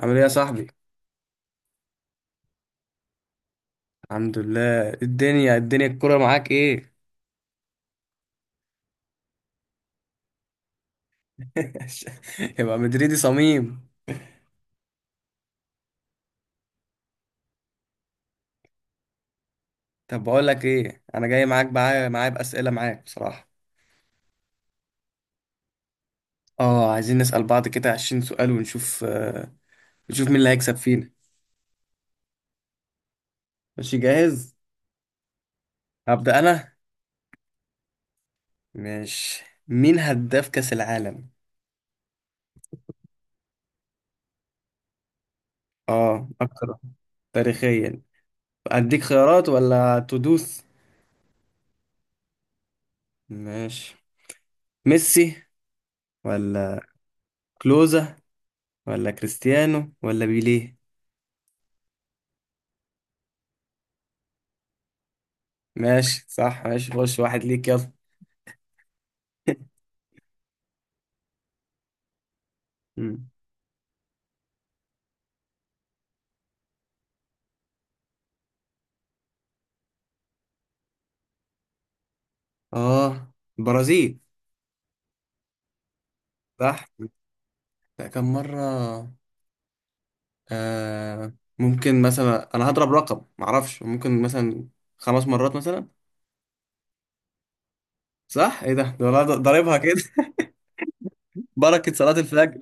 عامل ايه يا صاحبي؟ الحمد لله. الدنيا الكرة معاك ايه؟ يبقى مدريدي صميم. طب بقول لك ايه، انا جاي معاك، معايا بأسئلة معاك بصراحة. اه، عايزين نسأل بعض كده 20 سؤال ونشوف، نشوف مين اللي هيكسب فينا. ماشي؟ جاهز. هبدأ انا. ماشي، مين هداف كأس العالم؟ اه، اكتر. تاريخيا. اديك خيارات ولا تدوس؟ ماشي. ميسي، ولا كلوزا، ولا كريستيانو، ولا بيليه؟ ماشي، صح. ماشي، خش واحد ليك يلا. مم. اه، برازيل. صح. لا، كم مرة. آه ممكن مثلا انا هضرب رقم، معرفش، ممكن مثلا خمس مرات مثلا. صح. ايه ده والله، ضاربها كده. بركة صلاة الفجر.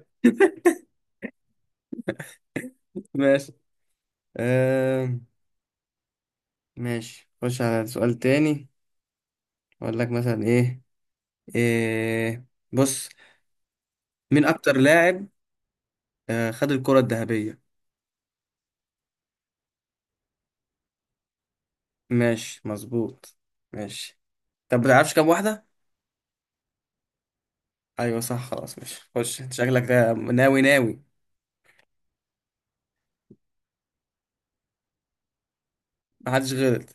ماشي. آه ماشي، خش على سؤال تاني. اقول لك مثلا ايه، إيه، بص، مين اكتر لاعب خد الكرة الذهبية. ماشي، مظبوط. ماشي. طب بتعرفش كام واحدة؟ ايوه صح، خلاص. ماشي، خش، انت شكلك ده ناوي ناوي. محدش غلط.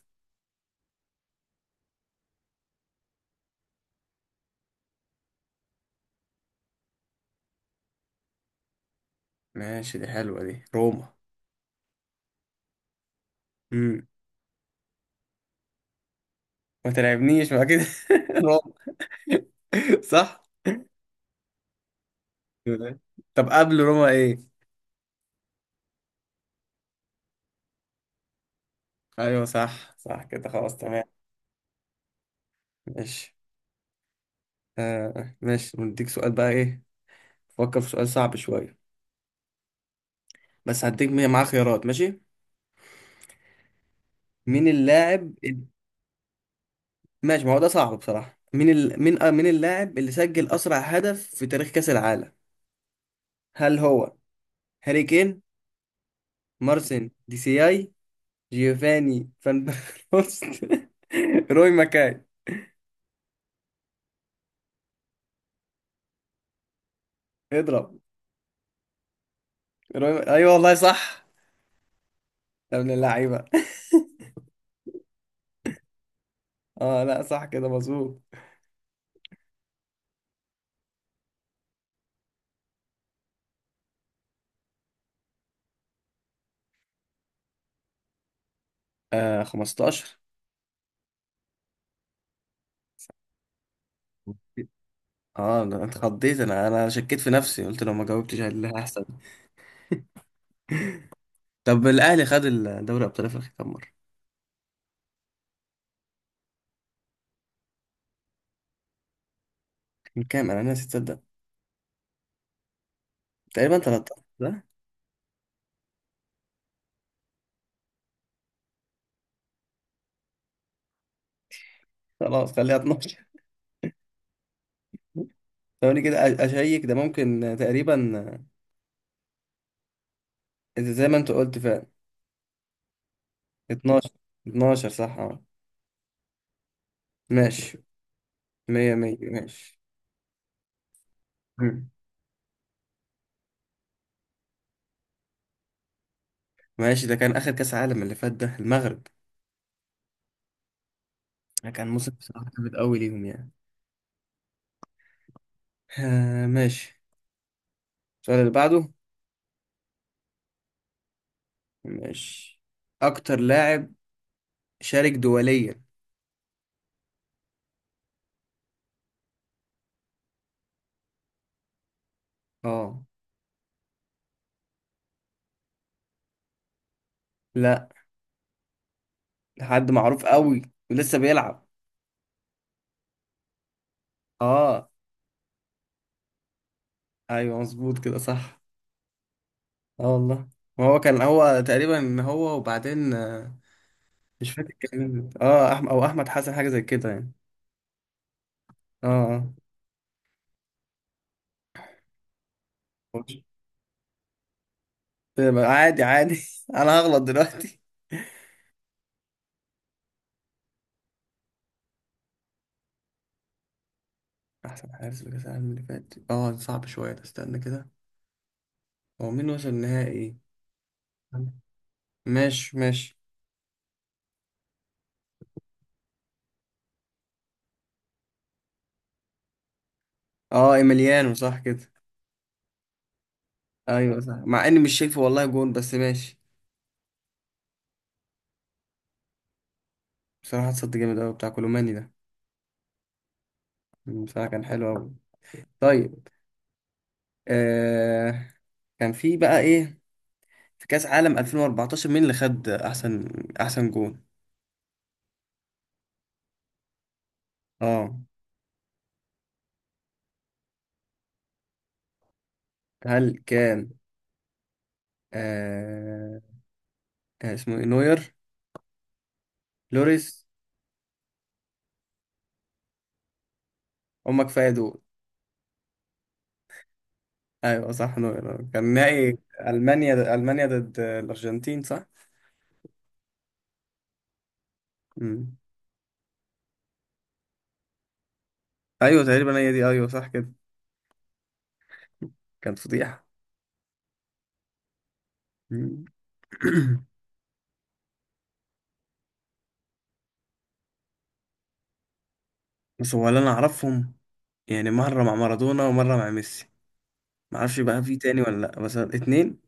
ماشي، دي حلوه دي، روما. امم. ما تلعبنيش ما كده. روما. صح. طب قبل روما ايه؟ ايوه صح، صح كده، خلاص تمام. ماشي. ماشي، نديك سؤال بقى، ايه. فكر في سؤال صعب شويه. بس هديك معاه خيارات. ماشي. مين اللاعب ال- ماشي، ما هو ده صعب بصراحه. مين ال... مين آه، مين اللاعب اللي سجل اسرع هدف في تاريخ كاس العالم؟ هل هو هاري كين، مارسن دي سي اي، جيوفاني فان بروست، روي ماكاي؟ اضرب. روي، ايوه والله صح. يا ابن اللعيبه. اه لا، صح كده، مظبوط. 15. اه انا اتخضيت، انا شكيت في نفسي، قلت لو ما جاوبتش اللي هحصل. طب الاهلي خد الدوري ابطال افريقيا كام مره؟ كان كام؟ انا ناسي تصدق. تقريبا 13 ده. خلاص، خليها 12. ثواني كده، اشيك، ده ممكن تقريبا زي ما انت قلت فعلا. 12. 12 صح اه. ماشي. مية مية. ماشي. مم. ماشي، ده كان آخر كأس عالم اللي فات، ده المغرب. ده كان موسم بصراحة جامد أوي ليهم يعني. ماشي. السؤال اللي بعده. ماشي، أكتر لاعب شارك دوليا. اه. لا، حد معروف أوي، ولسه بيلعب. اه. أيوه مظبوط كده، صح. اه والله. ما هو كان هو تقريبا، هو وبعدين مش فاكر كان مين. اه أحمد أو أحمد حسن، حاجة زي كده يعني. اه. آه. عادي عادي. أنا هغلط دلوقتي. أحسن حارس في كأس العالم اللي فات، صعب شوية ده، استنى كده. هو مين وصل النهائي؟ ماشي ماشي. اه، ايميليانو، صح كده. ايوه صح، مع اني مش شايفه والله جون، بس ماشي. بصراحة اتصد جامد اوي بتاع كولوماني ده. بصراحة كان حلو اوي. طيب. آه كان في بقى ايه، في كأس عالم 2014 مين اللي خد احسن، احسن جون؟ اه. هل كان آه كان اسمه ايه، نوير، لوريس؟ هما كفاية دول. ايوه صح، نوير. كان نهائي المانيا ضد الارجنتين، صح. مم. ايوه تقريبا، هي دي. ايوه صح كده. كانت فضيحه. مم. بس هو اللي انا اعرفهم، يعني مره مع مارادونا ومره مع ميسي. ما اعرفش بقى في تاني ولا لا، بس اتنين.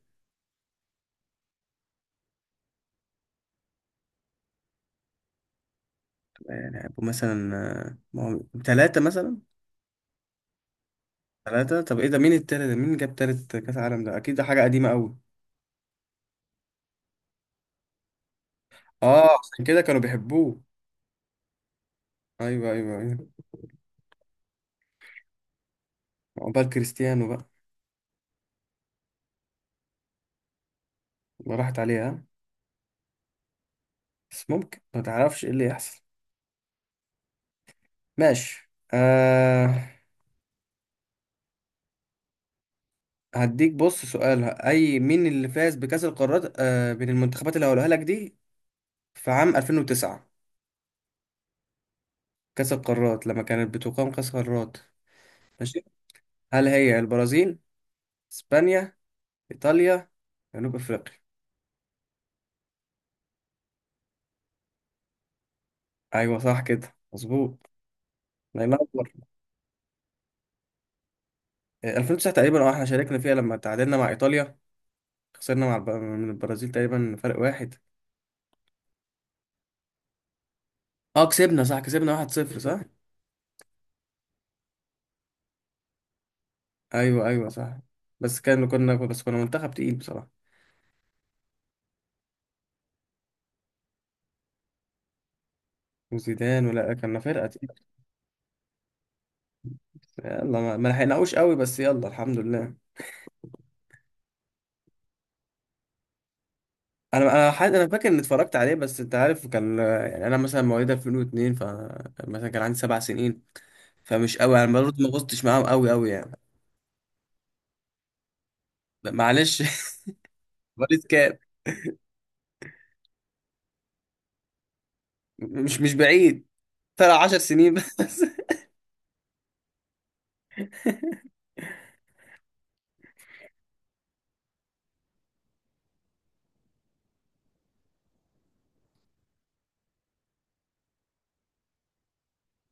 يعني هيبقوا مثلا، ما هو تلاتة مثلا. تلاتة. طب ايه ده، مين التالت ده؟ مين جاب تالت كاس عالم ده؟ اكيد ده حاجه قديمه قوي. اه، عشان كده كانوا بيحبوه. ايوه ايوه ايوه. عقبال كريستيانو بقى. ما راحت عليها. بس ممكن، ما تعرفش ايه اللي يحصل. ماشي. هديك، بص، سؤال، اي مين اللي فاز بكأس القارات من المنتخبات اللي هقولها لك دي، في عام 2009؟ كأس القارات، لما كانت بتقام كأس القارات. ماشي. هل هي البرازيل، اسبانيا، ايطاليا، جنوب افريقيا؟ ايوه صح كده، مظبوط. الله ينور. 2009 تقريبا، احنا شاركنا فيها، لما تعادلنا مع ايطاليا، خسرنا مع من البرازيل تقريبا فرق واحد. اه كسبنا، صح، كسبنا 1-0 صح. ايوه ايوه صح. بس كان كنا بس كنا منتخب تقيل بصراحة، وزيدان، ولا كنا فرقة تقيلة. يلا ما لحقناهوش قوي بس يلا الحمد لله. انا فاكر اني اتفرجت عليه بس انت عارف، كان يعني انا مثلا مواليد 2002، ف مثلا كان عندي سبع سنين، فمش قوي يعني، برضه ما غصتش معاهم قوي قوي يعني. لا، معلش. مواليد كام؟ مش بعيد، ترى 10 سنين بس.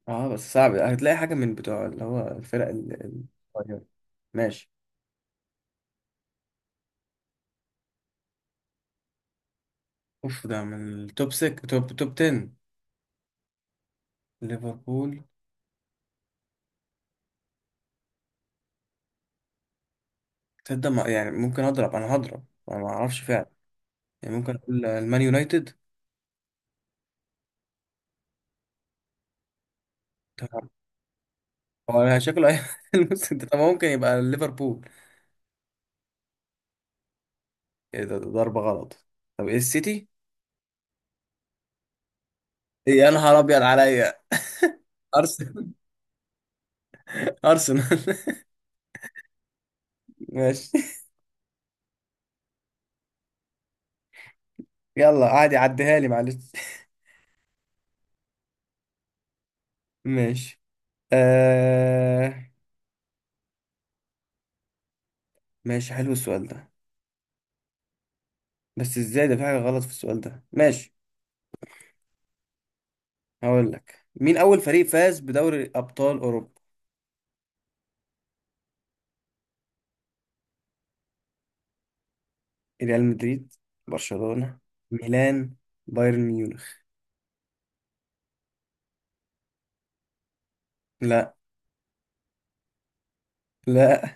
اه، بس صعب، هتلاقي حاجة من بتوع اللي هو الفرق الصغيرة. ماشي. اوف، ده من التوب 6، توب 10. ليفربول. تصدق، يعني ممكن اضرب، انا هضرب. انا ما اعرفش فعلا. يعني ممكن اقول المان يونايتد. طب هو شكله الموسم ده، طب هو ممكن يبقى ليفربول. ايه ده ضربة غلط. طب ايه السيتي؟ إيه، يا نهار ابيض عليا. ارسنال. ارسنال. ماشي. يلا عادي، عديها لي معلش. ماشي. آه. ماشي، حلو السؤال ده، بس ازاي ده، في حاجة غلط في السؤال ده. ماشي. هقول لك مين أول فريق فاز بدوري أبطال أوروبا. ريال مدريد، برشلونة، ميلان، بايرن ميونخ؟ لا. لا.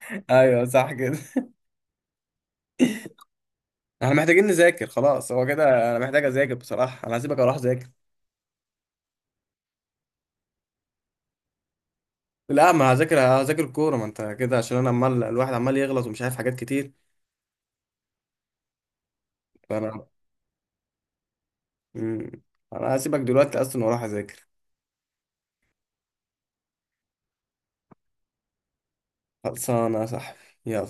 ايوه صح كده. احنا محتاجين نذاكر، خلاص هو كده، انا محتاج اذاكر بصراحه. انا هسيبك اروح اذاكر. لا، ما هذاكر، هذاكر الكوره، ما انت كده، عشان انا الواحد عمال يغلط ومش عارف حاجات كتير. فانا. مم. انا هسيبك دلوقتي اصلا واروح اذاكر. خلصانه يا صاحبي. يلا.